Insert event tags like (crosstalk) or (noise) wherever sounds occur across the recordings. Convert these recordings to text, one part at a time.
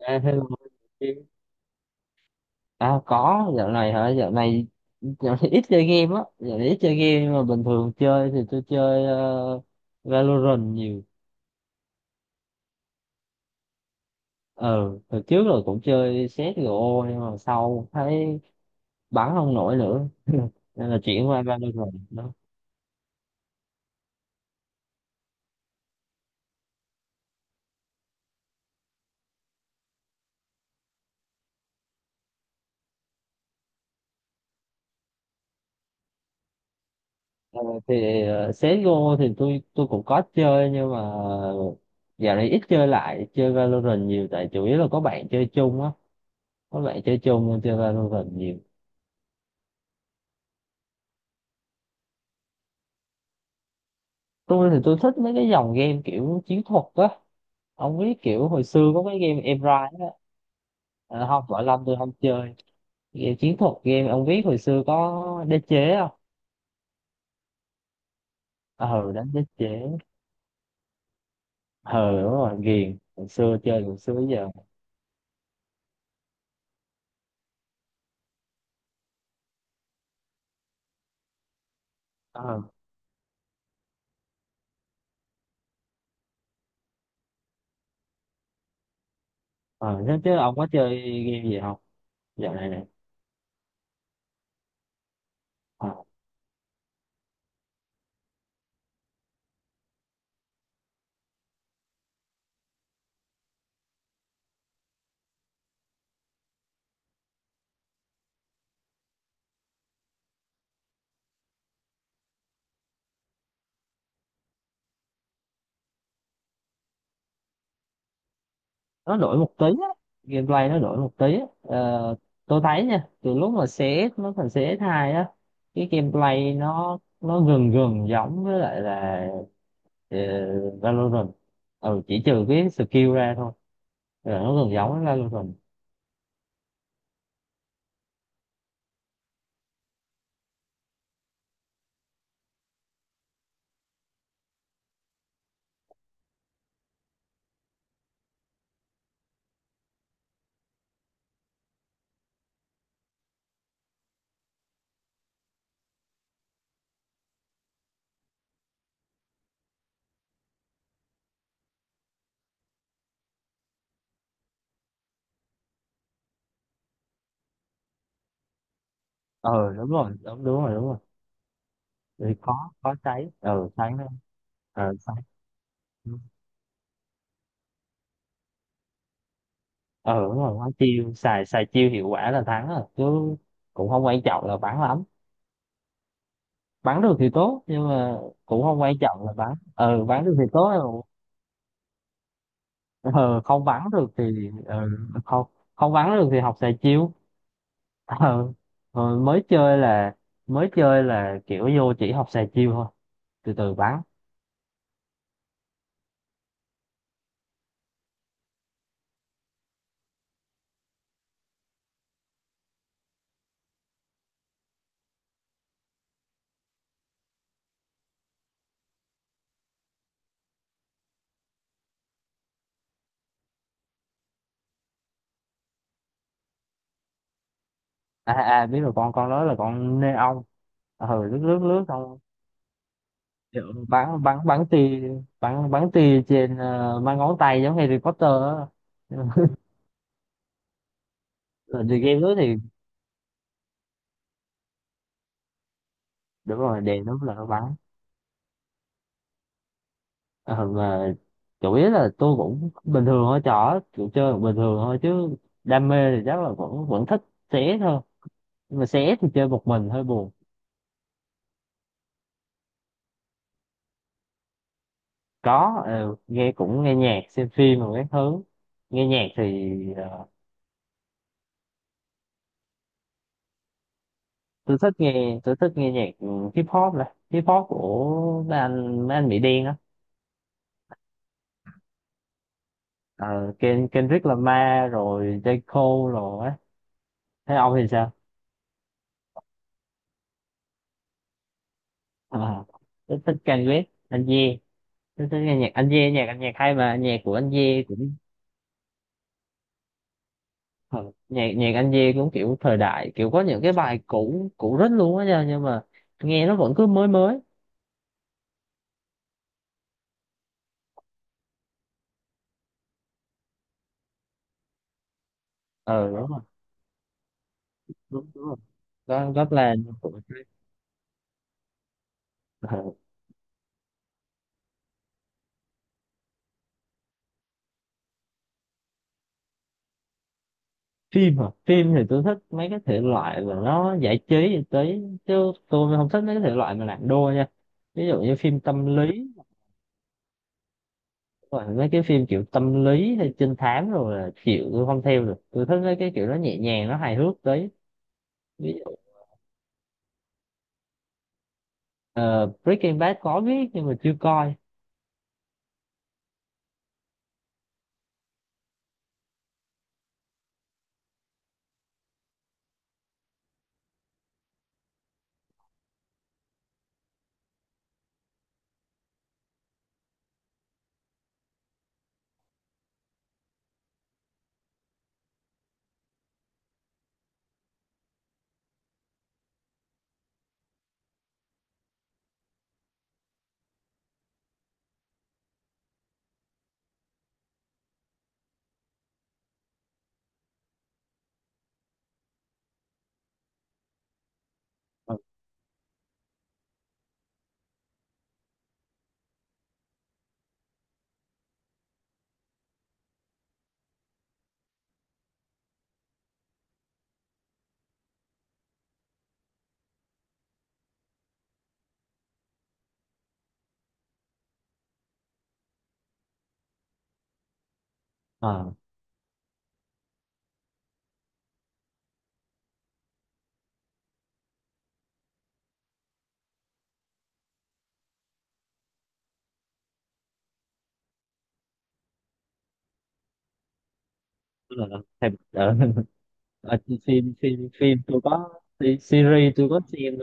À, hello. À, có dạo này hả? Dạo này ít chơi game á, dạo này ít chơi game, nhưng mà bình thường chơi thì tôi chơi Valorant nhiều. Ờ Hồi trước rồi cũng chơi CSGO, nhưng mà sau thấy bắn không nổi nữa, nên là chuyển qua Valorant đó. Ờ, thì CSGO thì tôi cũng có chơi, nhưng mà dạo này ít chơi, lại chơi Valorant nhiều, tại chủ yếu là có bạn chơi chung á, có bạn chơi chung nên chơi Valorant nhiều. Tôi thì tôi thích mấy cái dòng game kiểu chiến thuật á. Ông biết kiểu hồi xưa có cái game Em Rai á. À, không, Võ Lâm tôi không chơi. Game chiến thuật, game ông biết hồi xưa có đế chế không? Ờ Đánh đế chế. Ờ đúng rồi, ghiền hồi xưa chơi hồi xưa tới giờ. ờ ờ Thế chứ ông có chơi game gì không dạo này nè? Ờ, nó đổi một tí á, gameplay nó đổi một tí á. Ờ, tôi thấy nha, từ lúc mà CS nó thành CS2 á, cái gameplay nó gần gần giống với lại là ờ, Valorant, ừ, chỉ trừ cái skill ra thôi, là nó gần giống với Valorant. Ờ đúng rồi, đúng, đúng rồi, đúng rồi. Thì có, sấy, ừ, sấy nữa, sấy. Ờ đúng rồi, quá chiêu, xài xài chiêu hiệu quả là thắng rồi chứ, cũng không quan trọng là bắn lắm. Bắn được thì tốt, nhưng mà cũng không quan trọng là bắn, bắn được thì tốt. Ờ Không bắn được thì không không bắn được thì học xài chiêu. Ờ, ờ, mới chơi là mới chơi là kiểu vô chỉ học xài chiêu thôi, từ từ bắn. À biết rồi, con đó là con nê ong, lướt lướt lướt xong. Hiểu không? Bắn bắn bắn tia, bắn bắn tia trên, mang ngón tay giống Harry Potter á. (laughs) Rồi thì game đó thì đúng rồi, đèn nó là nó bắn. Ờ mà chủ yếu là tôi cũng bình thường thôi, trò kiểu chơi bình thường thôi chứ, đam mê thì chắc là vẫn vẫn thích xé thôi, nhưng mà xé thì chơi một mình hơi buồn. Có, nghe, cũng nghe nhạc, xem phim rồi các thứ. Nghe nhạc thì ờ, tôi thích nghe nhạc, ừ, hip hop này, hip hop của mấy anh Mỹ đen á. Ờ, Kendrick Lamar rồi J Cole rồi á. Thế ông thì sao? Ờ, tôi thích Kanye West, anh Ye. Tôi thích nghe nhạc anh Ye, nhạc anh, nhạc hay, mà nhạc của anh Ye cũng ờ, nhạc nhạc anh Ye cũng kiểu thời đại, kiểu có những cái bài cũ cũ rất luôn á nha, nhưng mà nghe nó vẫn cứ mới mới. Ờ Đúng rồi, đúng, đúng rồi. Có có là của cái- ờ, Phim hả? Phim thì tôi thích mấy cái thể loại mà nó giải trí, giải trí chứ tôi không thích mấy cái thể loại mà nặng đô nha, ví dụ như phim tâm lý, rồi mấy cái phim kiểu tâm lý hay trinh thám rồi là chịu, tôi không theo được, tôi thích mấy cái kiểu nó nhẹ nhàng, nó hài hước tí. Ví dụ ờ, Breaking Bad, có biết nhưng mà chưa coi. Ờ, ờ, tức là thèm- ờ, (laughs) ờ, phim phim phim tôi có series, tôi có xem,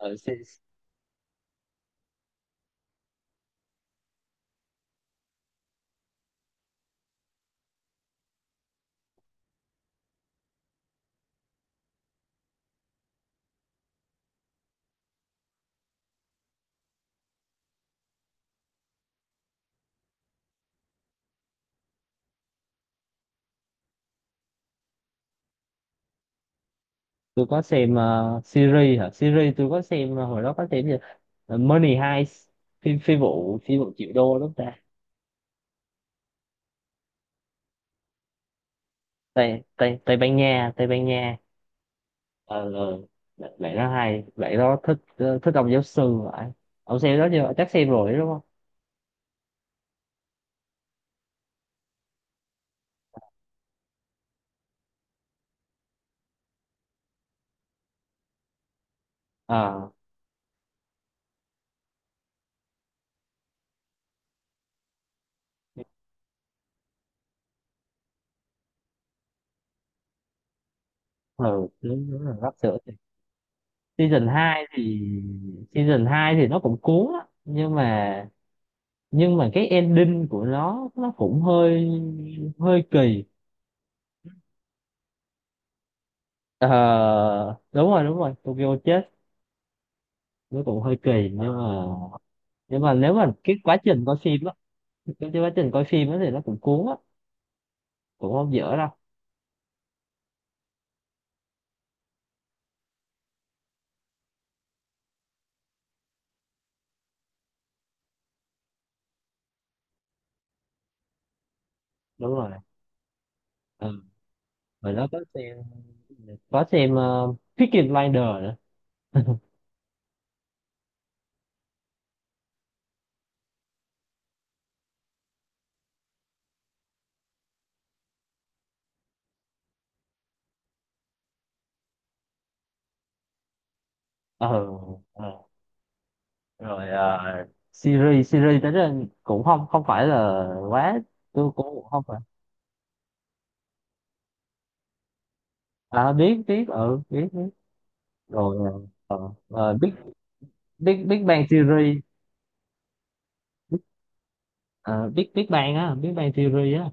uh, tôi có xem series hả, series tôi có xem hồi đó có xem gì. Ờ, Money Heist, phim phi vụ triệu đô, đúng không ta? Tây Tây Tây Ban Nha, ờ ờ bạn bạn đó hay, bạn đó thích thích ông giáo sư vậy. Ông xem đó chưa? Chắc xem rồi đúng không? ờ ừ, đúng, đúng là sắp sửa thì season 2 thì season 2 thì nó cũng cuốn á, nhưng mà cái ending của nó cũng hơi hơi kỳ. Ờ, đúng rồi, đúng rồi Tokyo chết. Nó cũng hơi kỳ, nhưng mà nếu mà cái quá trình coi phim á thì nó cũng cuốn á, cũng không dở đâu. Đúng rồi, ừ. Rồi nó có xem Peaky Blinders nữa. ờ ờ. Rồi series series tới đây cũng không không phải là quá, tôi cũng không phải. À, biết, biết, ừ, biết, biết. Rồi Big Big Big Bang Theory. Ờ, Big Big Bang á, Big Bang Theory á.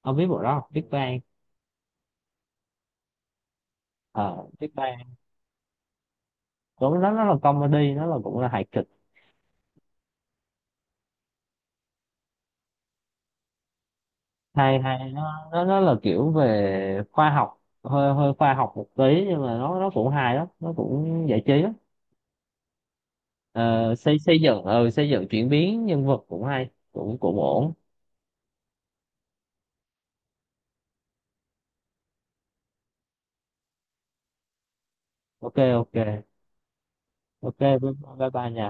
Ông biết bộ đó không? Big Bang, ờ Big Bang cũng, nó là comedy, nó là cũng là hài kịch. Hay hay, nó là kiểu về khoa học, hơi hơi khoa học một tí, nhưng mà nó cũng hài lắm, nó cũng giải trí lắm. Ờ, xây xây dựng ờ, Xây dựng chuyển biến nhân vật cũng hay, cũng cũng ổn. Ok, ok, ok, bye bye bye nha.